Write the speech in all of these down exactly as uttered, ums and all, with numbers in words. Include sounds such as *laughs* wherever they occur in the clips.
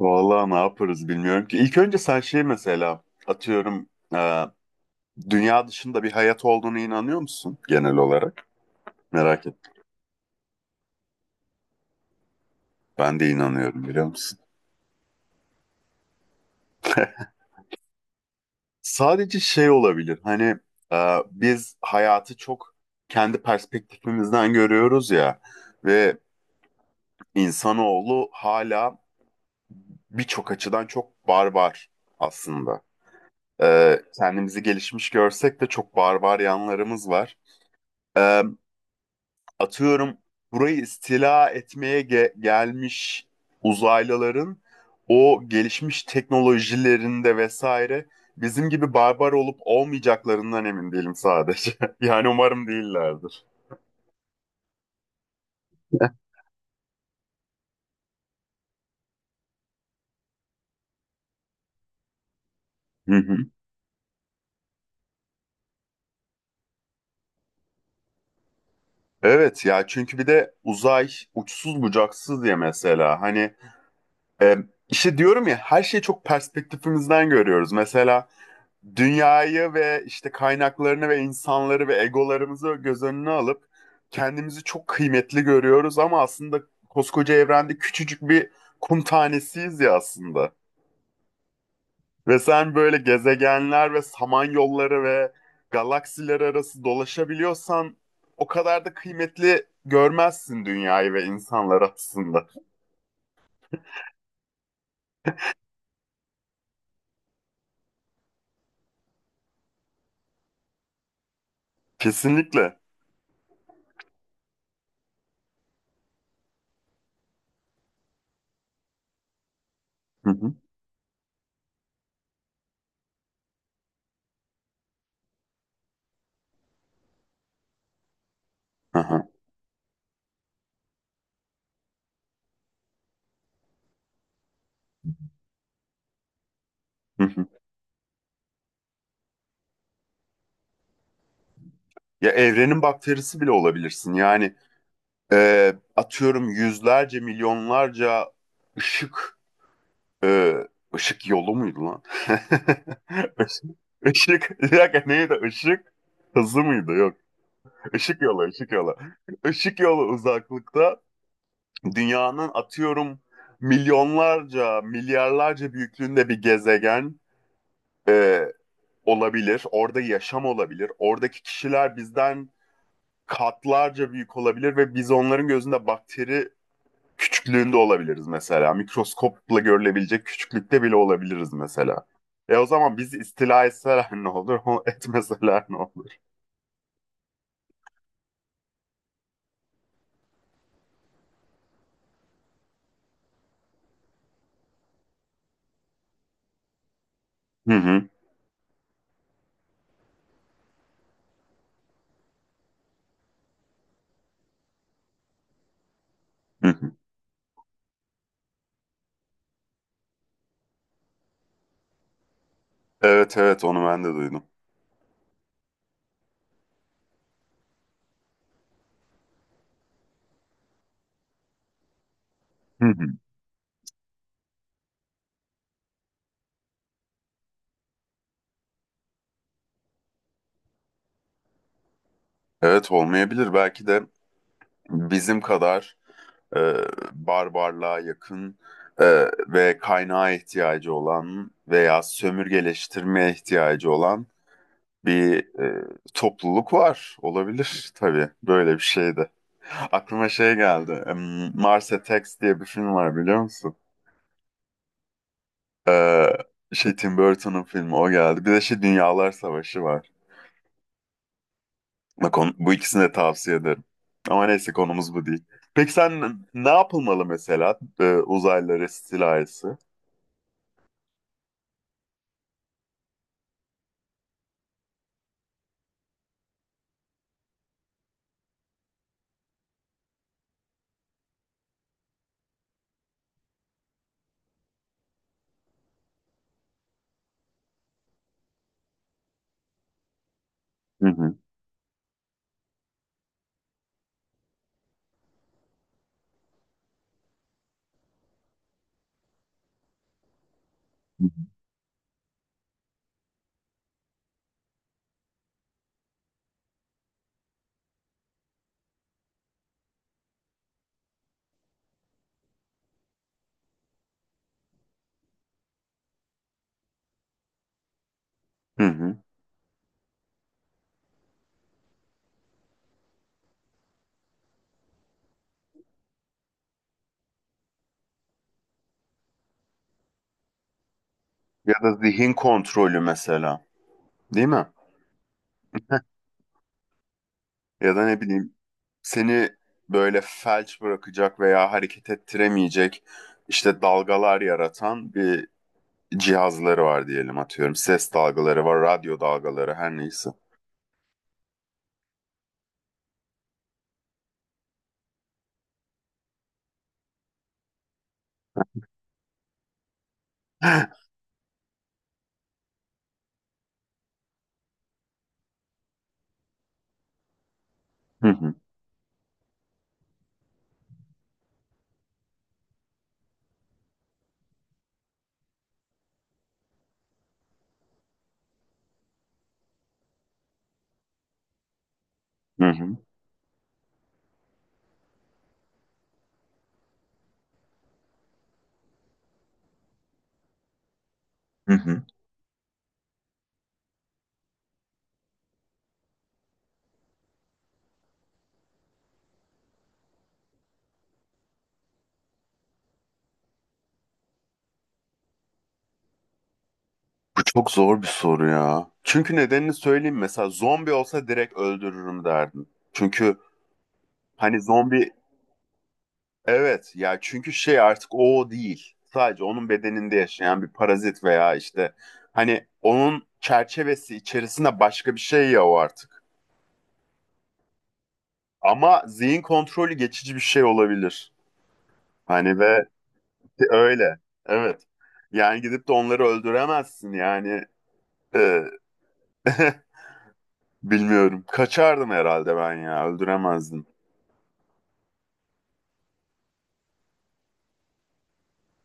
Vallahi ne yaparız bilmiyorum ki. İlk önce sen şey mesela atıyorum e, dünya dışında bir hayat olduğunu inanıyor musun genel olarak? Merak ettim. Ben de inanıyorum biliyor musun? *laughs* Sadece şey olabilir hani e, biz hayatı çok kendi perspektifimizden görüyoruz ya ve insanoğlu hala birçok açıdan çok barbar aslında. E, kendimizi gelişmiş görsek de çok barbar yanlarımız var. E, Atıyorum burayı istila etmeye ge- gelmiş uzaylıların o gelişmiş teknolojilerinde vesaire bizim gibi barbar olup olmayacaklarından emin değilim sadece. *laughs* Yani umarım değillerdir. *laughs* Hı hı. Evet ya, çünkü bir de uzay uçsuz bucaksız diye mesela hani e, işte diyorum ya, her şeyi çok perspektifimizden görüyoruz. Mesela dünyayı ve işte kaynaklarını ve insanları ve egolarımızı göz önüne alıp kendimizi çok kıymetli görüyoruz, ama aslında koskoca evrende küçücük bir kum tanesiyiz ya aslında. Ve sen böyle gezegenler ve samanyolları ve galaksiler arası dolaşabiliyorsan o kadar da kıymetli görmezsin dünyayı ve insanları aslında. Kesinlikle. Hı hı. Aha. Hı hı. Ya evrenin bakterisi bile olabilirsin. Yani e, atıyorum, yüzlerce milyonlarca ışık e, ışık yolu muydu lan? *laughs* Işık, ışık, bir dakika neydi? Işık hızı mıydı? Yok, ışık yolu, ışık yolu. Işık yolu uzaklıkta dünyanın atıyorum milyonlarca milyarlarca büyüklüğünde bir gezegen e, olabilir, orada yaşam olabilir, oradaki kişiler bizden katlarca büyük olabilir ve biz onların gözünde bakteri küçüklüğünde olabiliriz mesela. Mikroskopla görülebilecek küçüklükte bile olabiliriz mesela. E, o zaman bizi istila etseler ne olur, *laughs* etmeseler ne olur? Hı hı, hı hı. Evet evet, onu ben de duydum. Hı hı. Evet, olmayabilir. Belki de bizim kadar e, barbarlığa yakın e, ve kaynağa ihtiyacı olan veya sömürgeleştirmeye ihtiyacı olan bir e, topluluk var. Olabilir tabii böyle bir şey de. Aklıma şey geldi. Em, Mars Attacks diye bir film var, biliyor musun? Ee, Şey, Tim Burton'un filmi, o geldi. Bir de şey, Dünyalar Savaşı var. Bak, on- bu ikisini de tavsiye ederim. Ama neyse, konumuz bu değil. Peki sen, ne yapılmalı mesela e, uzaylılar istilası? Hı hı. Hı hı. Ya da zihin kontrolü mesela. Değil mi? Ya da ne bileyim, seni böyle felç bırakacak veya hareket ettiremeyecek işte dalgalar yaratan bir cihazları var diyelim, atıyorum. Ses dalgaları var, radyo dalgaları, her neyse. Hı hı, hı hı, hı hı. Bu çok zor bir soru ya. Çünkü nedenini söyleyeyim, mesela zombi olsa direkt öldürürüm derdim. Çünkü hani zombi. Evet ya, çünkü şey, artık o değil. Sadece onun bedeninde yaşayan bir parazit veya işte hani onun çerçevesi içerisinde başka bir şey ya o artık. Ama zihin kontrolü geçici bir şey olabilir. Hani ve öyle. Evet. Yani gidip de onları öldüremezsin yani. Ee, *laughs* bilmiyorum. Kaçardım herhalde ben ya. Öldüremezdim.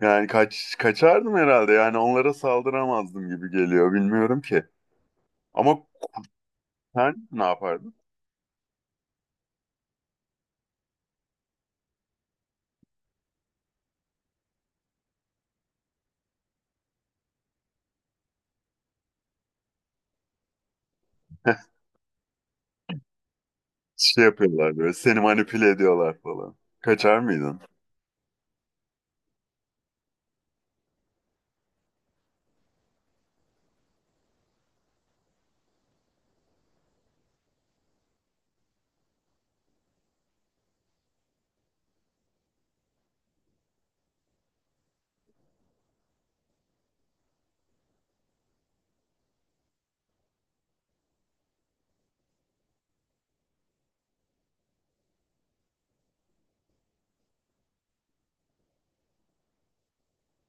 Yani kaç kaçardım herhalde. Yani onlara saldıramazdım gibi geliyor. Bilmiyorum ki. Ama sen ne yapardın? *laughs* Şey yapıyorlar, böyle seni manipüle ediyorlar falan. Kaçar mıydın?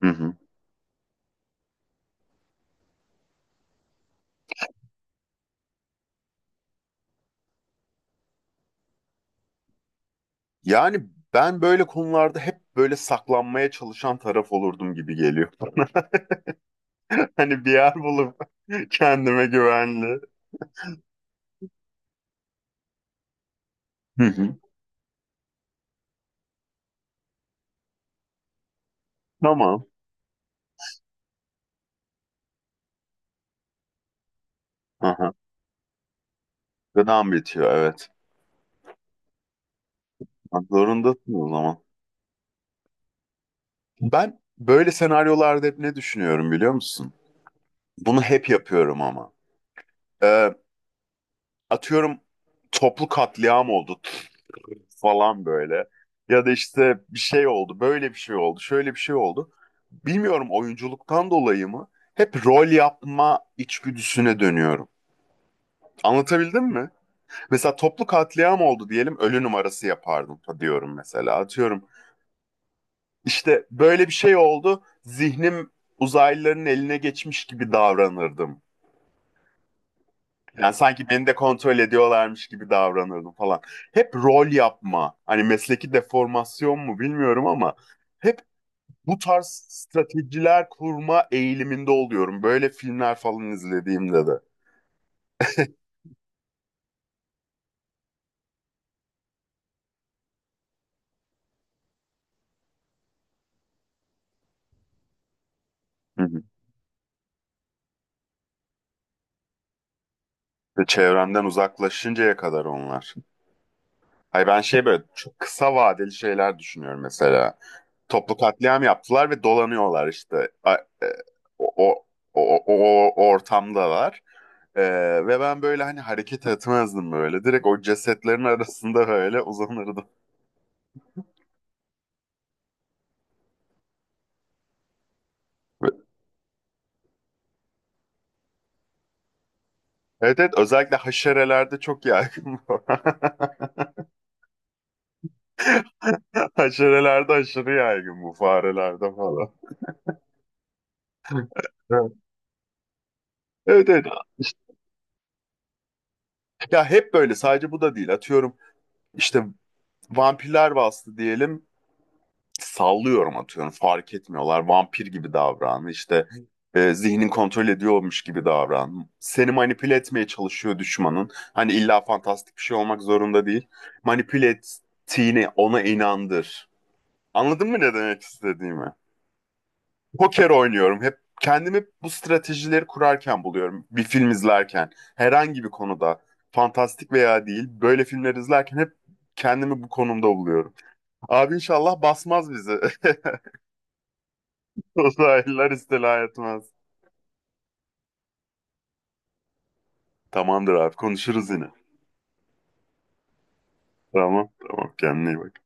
Hı hı. Yani ben böyle konularda hep böyle saklanmaya çalışan taraf olurdum gibi geliyor. *laughs* Hani bir yer bulup *laughs* kendime güvenli. Hı hı. Tamam. Aha. Gıdam bitiyor, evet. Bak, zorundasın o zaman. Ben böyle senaryolarda hep ne düşünüyorum, biliyor musun? Bunu hep yapıyorum ama. Ee, Atıyorum, toplu katliam oldu, falan böyle. Ya da işte bir şey oldu, böyle bir şey oldu, şöyle bir şey oldu. Bilmiyorum, oyunculuktan dolayı mı? Hep rol yapma içgüdüsüne dönüyorum. Anlatabildim mi? Mesela toplu katliam oldu diyelim, ölü numarası yapardım diyorum mesela. Atıyorum, işte böyle bir şey oldu, zihnim uzaylıların eline geçmiş gibi davranırdım. Yani sanki beni de kontrol ediyorlarmış gibi davranırdım falan. Hep rol yapma. Hani mesleki deformasyon mu bilmiyorum ama hep bu tarz stratejiler kurma eğiliminde oluyorum. Böyle filmler falan izlediğimde de. Hı hı. Ve çevremden uzaklaşıncaya kadar onlar. Hayır, ben şey, böyle çok kısa vadeli şeyler düşünüyorum mesela. Toplu katliam yaptılar ve dolanıyorlar işte. A- e, O, o, o, o- o ortamdalar. E, Ve ben böyle hani hareket etmezdim böyle. Direkt o cesetlerin *laughs* arasında böyle uzanırdım. Evet evet, özellikle haşerelerde çok yaygın bu. *laughs* Haşerelerde aşırı yaygın bu, farelerde falan. Evet evet. Evet. İşte, ya hep böyle, sadece bu da değil. Atıyorum, işte vampirler bastı diyelim. Sallıyorum, atıyorum fark etmiyorlar. Vampir gibi davran. İşte e, zihnin kontrol ediyormuş gibi davran. Seni manipüle etmeye çalışıyor düşmanın. Hani illa fantastik bir şey olmak zorunda değil. Manipüle ettiğini ona inandır. Anladın mı ne demek istediğimi? Poker oynuyorum. Hep kendimi bu stratejileri kurarken buluyorum. Bir film izlerken, herhangi bir konuda, fantastik veya değil, böyle filmler izlerken hep kendimi bu konumda buluyorum. Abi inşallah basmaz bizi. *laughs* Uzaylılar istila etmez. Tamamdır abi, konuşuruz yine. Tamam, tamam. Kendine iyi bak.